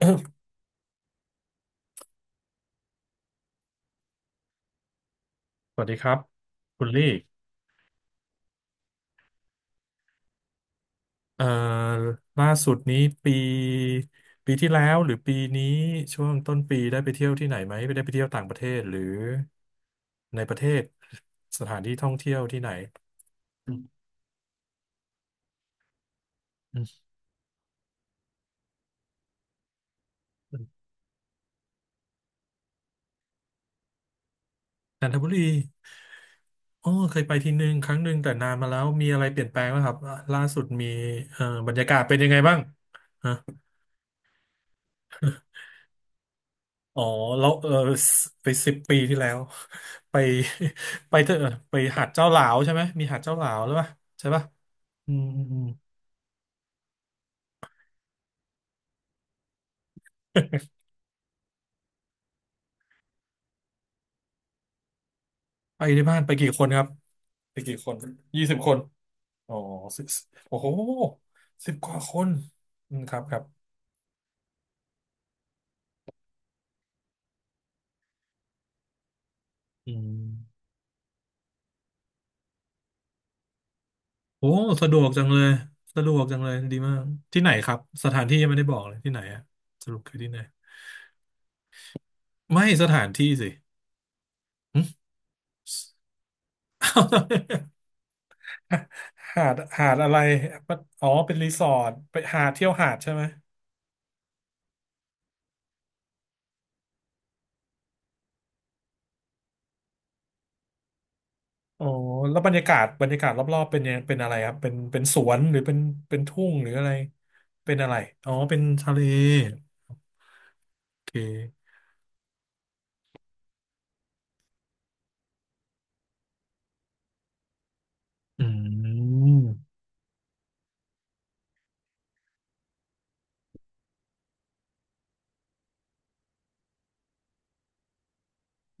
สวัสดีครับคุณลี่เอ่อล่าสุดนี้ปีปีที่แล้วหรือปีนี้ช่วงต้นปีได้ไปเที่ยวที่ไหนไหมได้ไปเที่ยวต่างประเทศหรือในประเทศสถานที่ท่องเที่ยวที่ไหนอืมอืมจันทบุรีอ๋อเคยไปทีหนึ่งครั้งหนึ่งแต่นานมาแล้วมีอะไรเปลี่ยนแปลงไหมครับล่าสุดมีบรรยากาศเป็นยังไงบ้าง อ๋อแล้วเออไป10 ปีที่แล้ว ไปเถอะไปหาดเจ้าหลาวใช่ไหมมีหาดเจ้าหลาวหรือเปล่าใช่ปะอืมอืมอืม ไปที่บ้านไปกี่คนครับไปกี่คน20 คนอ๋อสิบโอ้โห10 กว่าคนอืมครับครับอืมโอ้สะดวกจังเลยสะดวกจังเลยดีมากที่ไหนครับสถานที่ยังไม่ได้บอกเลยที่ไหนอะสรุปคือที่ไหนไม่สถานที่สิหึ หาดหาดอะไร อ๋อเป็นรีสอร์ทไปหาดเที่ยวหาดใช่ไหมอ๋อแล้วบรรยากาศบรรยากาศรอบๆเป็นยังเป็นอะไรครับ เป็นสวนหรือเป็นทุ่งหรืออะไร เป็นอะไร อ๋อเป็นทะเลโอเคอืม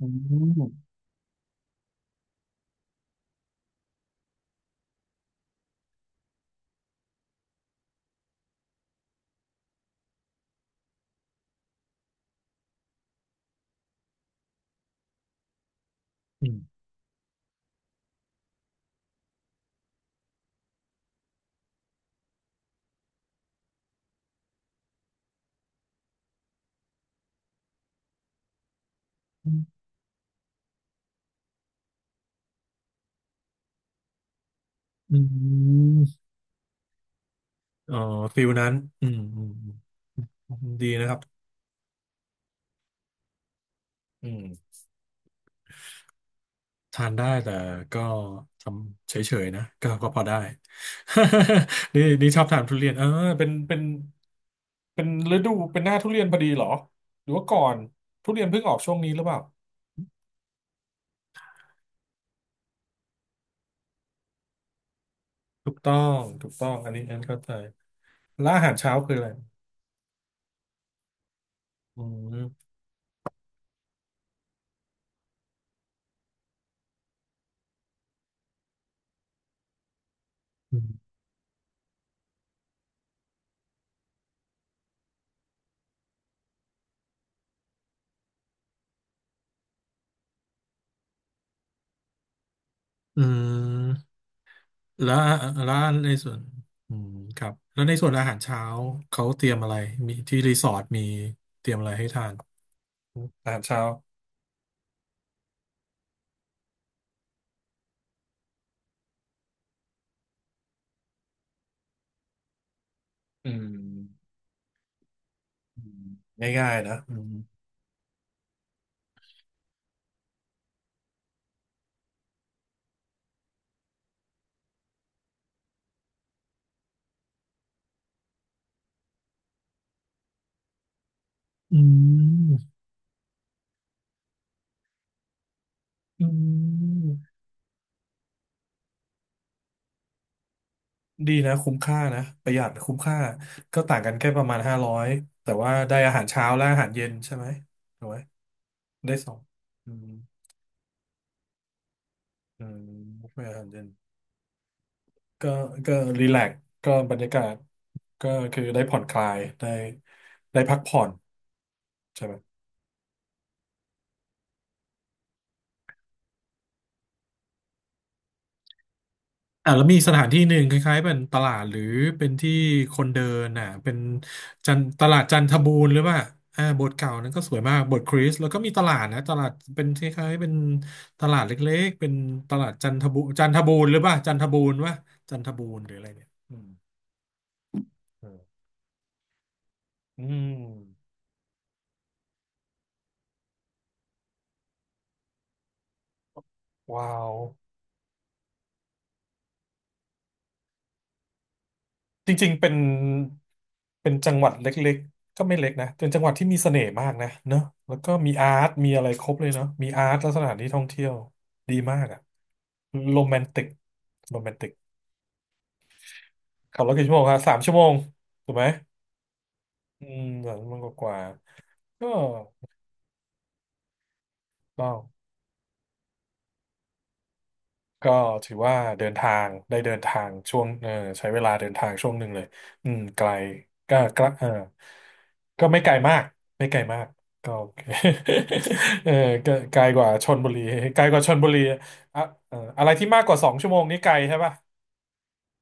อืมอืมอืมอ๋อฟิลนั้นอืมอืมอืมดีนะครับอืม ทานได้แต่ก็ทำเฉยๆนะก็พอได้ นี่ชอบทานทุเรียนเออเป็นเป็นเป็นฤดูเป็นหน้าทุเรียนพอดีเหรอหรือว่าก่อนทุเรียนเพิ่งออกช่วงนี้หรือเปล่าถูกต้องถูกต้องอันนี้อันเข้าใจแล้วอาหารเช้าคืออะไรอืมอืมอืมแล้วแล้วในส่วนอืมครับแล้วในส่วนอาหารเช้าเขาเตรียมอะไรมีที่รีสอร์ทมีเตรียมอะไรให้ทานอาหารเช้าอืม อืมง่ายๆนะอืมอืมอืมดีนะคุ้มค่านะประหยัดคุ้มค่าก็ต่างกันแค่ประมาณ500แต่ว่าได้อาหารเช้าและอาหารเย็นใช่ไหมถูกไหมได้สองอืมอืมไม่อาหารเย็นก็ก็รีแลกซ์ก็บรรยากาศก็คือได้ผ่อนคลายได้พักผ่อนใช่ไหม อ่าแล้วมีสถานที่หนึ่งคล้ายๆเป็นตลาดหรือเป็นที่คนเดินอ่ะเป็นจันตลาดจันทบูรณ์หรือว่าอ่าโบสถ์เก่านั้นก็สวยมากโบสถ์คริสต์แล้วก็มีตลาดนะตลาดเป็นคล้ายๆเป็นตลาดเล็กๆเป็นตลาดจันทบูจันทบูรณ์หรือว่าจันทบูรณ์ว่าจันทบูรณ์หรืออะไรเนี่ยอืมเอออืมว้าว จริงๆเป็น เป็นจังหวัดเล็กๆ ก็ไม่เล็กนะเป็นจังหวัดที่มีเสน่ห์มากนะเนอะแล้วก็มีอาร์ตมีอะไรครบเลยเนาะมีอาร์ตและสถานที่ท่องเที่ยวดีมากอะโรแมนติกโรแมนติกขับรถกี่ชั่วโมงครับสามชั่วโมงถูกไหม อืม3 ชั่วโมงกว่าๆก็ถูกต้อง ก็ถือว่าเดินทางได้เดินทางช่วงเออใช้เวลาเดินทางช่วงหนึ่งเลยอืมไกลก็เออก็ไม่ไกลมากไม่ไกลมากก็โอเค เออก็ไกลกว่าชลบุรีไกลกว่าชลบุรีอะเอออะไรที่มากกว่าสองชั่วโมงนี้ไกลใช่ป่ะ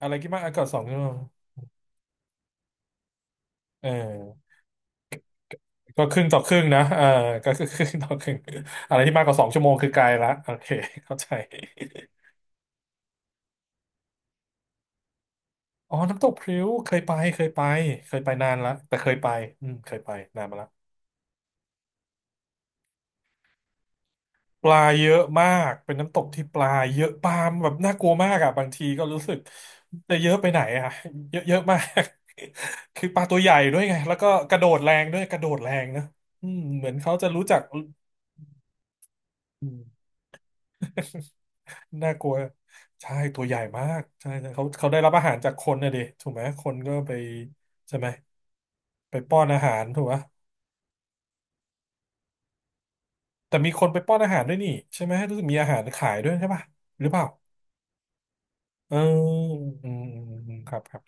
อะไรที่มากกว่าสองชั่วโมงเออก็ครึ่งต่อครึ่งนะเออก็คือ ครึ่งต่อครึ่งอะไรที่มากกว่าสองชั่วโมงคือไกลละโอเคเข้าใจ อ๋อน้ำตกพริ้วเคยไปเคยไปเคยไปนานละแต่เคยไปอืมเคยไปนานมาละปลาเยอะมากเป็นน้ำตกที่ปลาเยอะปลาแบบน่ากลัวมากอ่ะบางทีก็รู้สึกจะเยอะไปไหนอ่ะเยอะเยอะมาก คือปลาตัวใหญ่ด้วยไงแล้วก็กระโดดแรงด้วยกระโดดแรงนะอืมเหมือนเขาจะรู้จักอืมน่ากลัวใช่ตัวใหญ่มากใช่ใช่เขาได้รับอาหารจากคนนะดิถูกไหมคนก็ไปใช่ไหมไปป้อนอาหารถูกไหม แต่มีคนไปป้อนอาหารด้วยนี่ใช่ไหมรู้สึกมีอาหารขายด้วยใช่ป่ะหรือเปล่าเอออืมอืมอืมครับครับ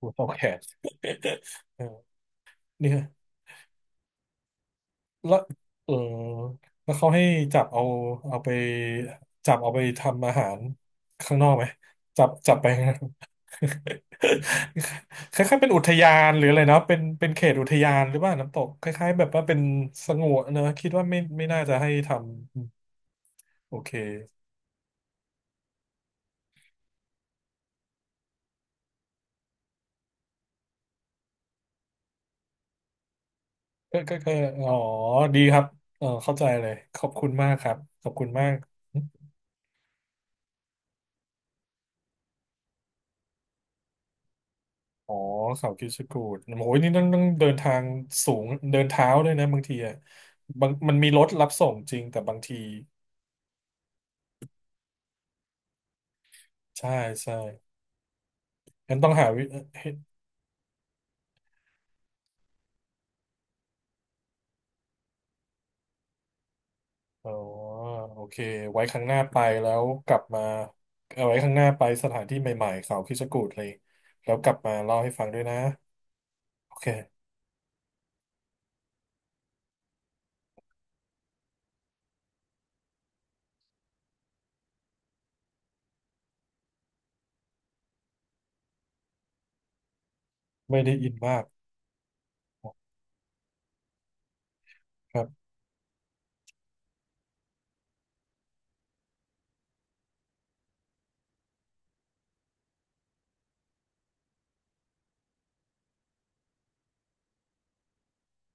หัวเตาแขน เออเนี่ยแล้วเออแล้วเขาให้จับเอาเอาไปจับเอาไปทำอาหารข้างนอกไหมจับจับไป คล้ายๆเป็นอุทยานหรืออะไรเนาะเป็นเป็นเขตอุทยานหรือว่าน้ำตกคล้ายๆแบบว่าเป็นสงวนเนอะคิดว่าไม่น่าจะให้ทำโอเค ก็อ๋อดีครับ เออเข้าใจเลยขอบคุณมากครับ ขอบคุณมากอ๋อเขาคิดชะกูดโอ้ยนี่ต้องเดินทางสูง เดินเท้าด้วยนะบางทีอ่ะบางมันมีรถรับส่งจริงแต่บางที ใช่ใช่งั้นต้องหาวิเฮ้ยอ๋อโอเคไว้ครั้งหน้าไปแล้วกลับมาเอาไว้ครั้งหน้าไปสถานที่ใหม่ๆเขาคิดชะกูดเลยแล้วกลับมาเล่าให้ฟังด้วยนะโอเคไม่ได้อินมาก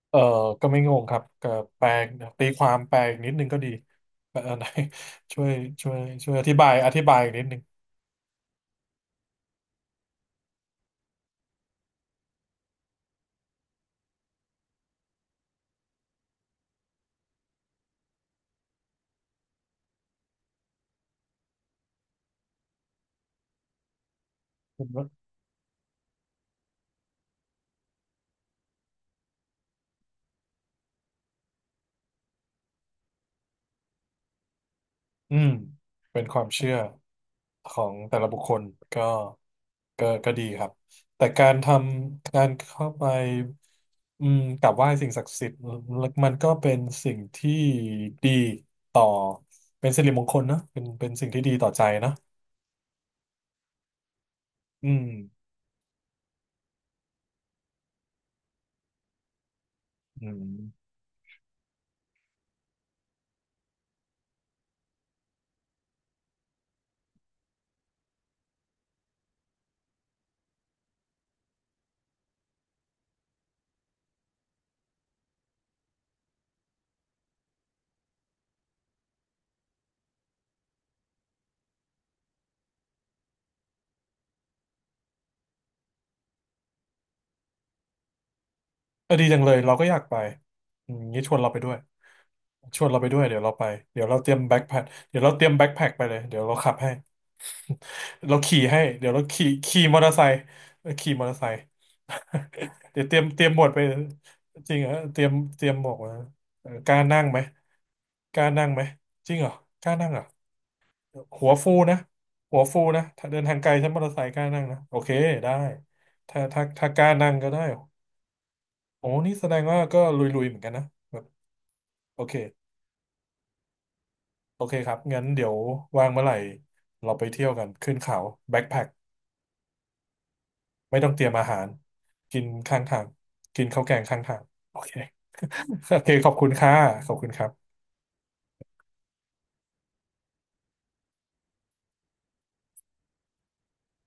เออก็ไม่งงครับก็แปลตีความแปลอีกนิดนึงก็ดีแปลไหน ช่วยช่วยช่วยอธิบายอีกนิดนึงผมว่าอืมเป็นความเชื่อของแต่ละบุคคลก็ก็ดีครับแต่การทำการเข้าไปอืมกราบไหว้สิ่งศักดิ์สิทธิ์มันก็เป็นสิ่งที่ดีต่อเป็นสิริมงคลเนอะเป็นเป็นสิ่งที่ดีต่อใจเนอะอืมอืมเออดีจังเลยเราก็อยากไปอืมงี้ชวนเราไปด้วย ชวนเราไปด้วยเดี๋ยวเราไปเดี๋ยวเราเตรียมแบ็คแพ็คเดี๋ยวเราเตรียมแบ็คแพ็คไปเลยเดี๋ยวเราขับให้เราขี่ให้เดี๋ยวเราขี่ขี่มอเตอร์ไซค์เออขี่มอเตอร์ไซค์ เดี๋ยวเตรียมหมวดไปจริงเหรอเตรียมหมวกมาเออกล้านั่งไหมกล้านั่งไหมจริงเหรอกล้านั่งเหรอหัวฟูนะหัวฟูนะถ้าเดินทางไกลใช้มอเตอร์ไซค์กล้านั่งนะโอเคได้ถ้ากล้านั่งก็ได้โอ้นี่แสดงว่าก็ลุยๆเหมือนกันนะแบบโอเค โอเคครับงั้นเดี๋ยวว่างเมื่อไหร่เราไปเที่ยวกันขึ้นเขาแบ็คแพ็คไม่ต้องเตรียมอาหารกินข้างทางกินข้าวแกงข้างทางโอเค โอเคขอบคุณค่ะขอบคุณครับ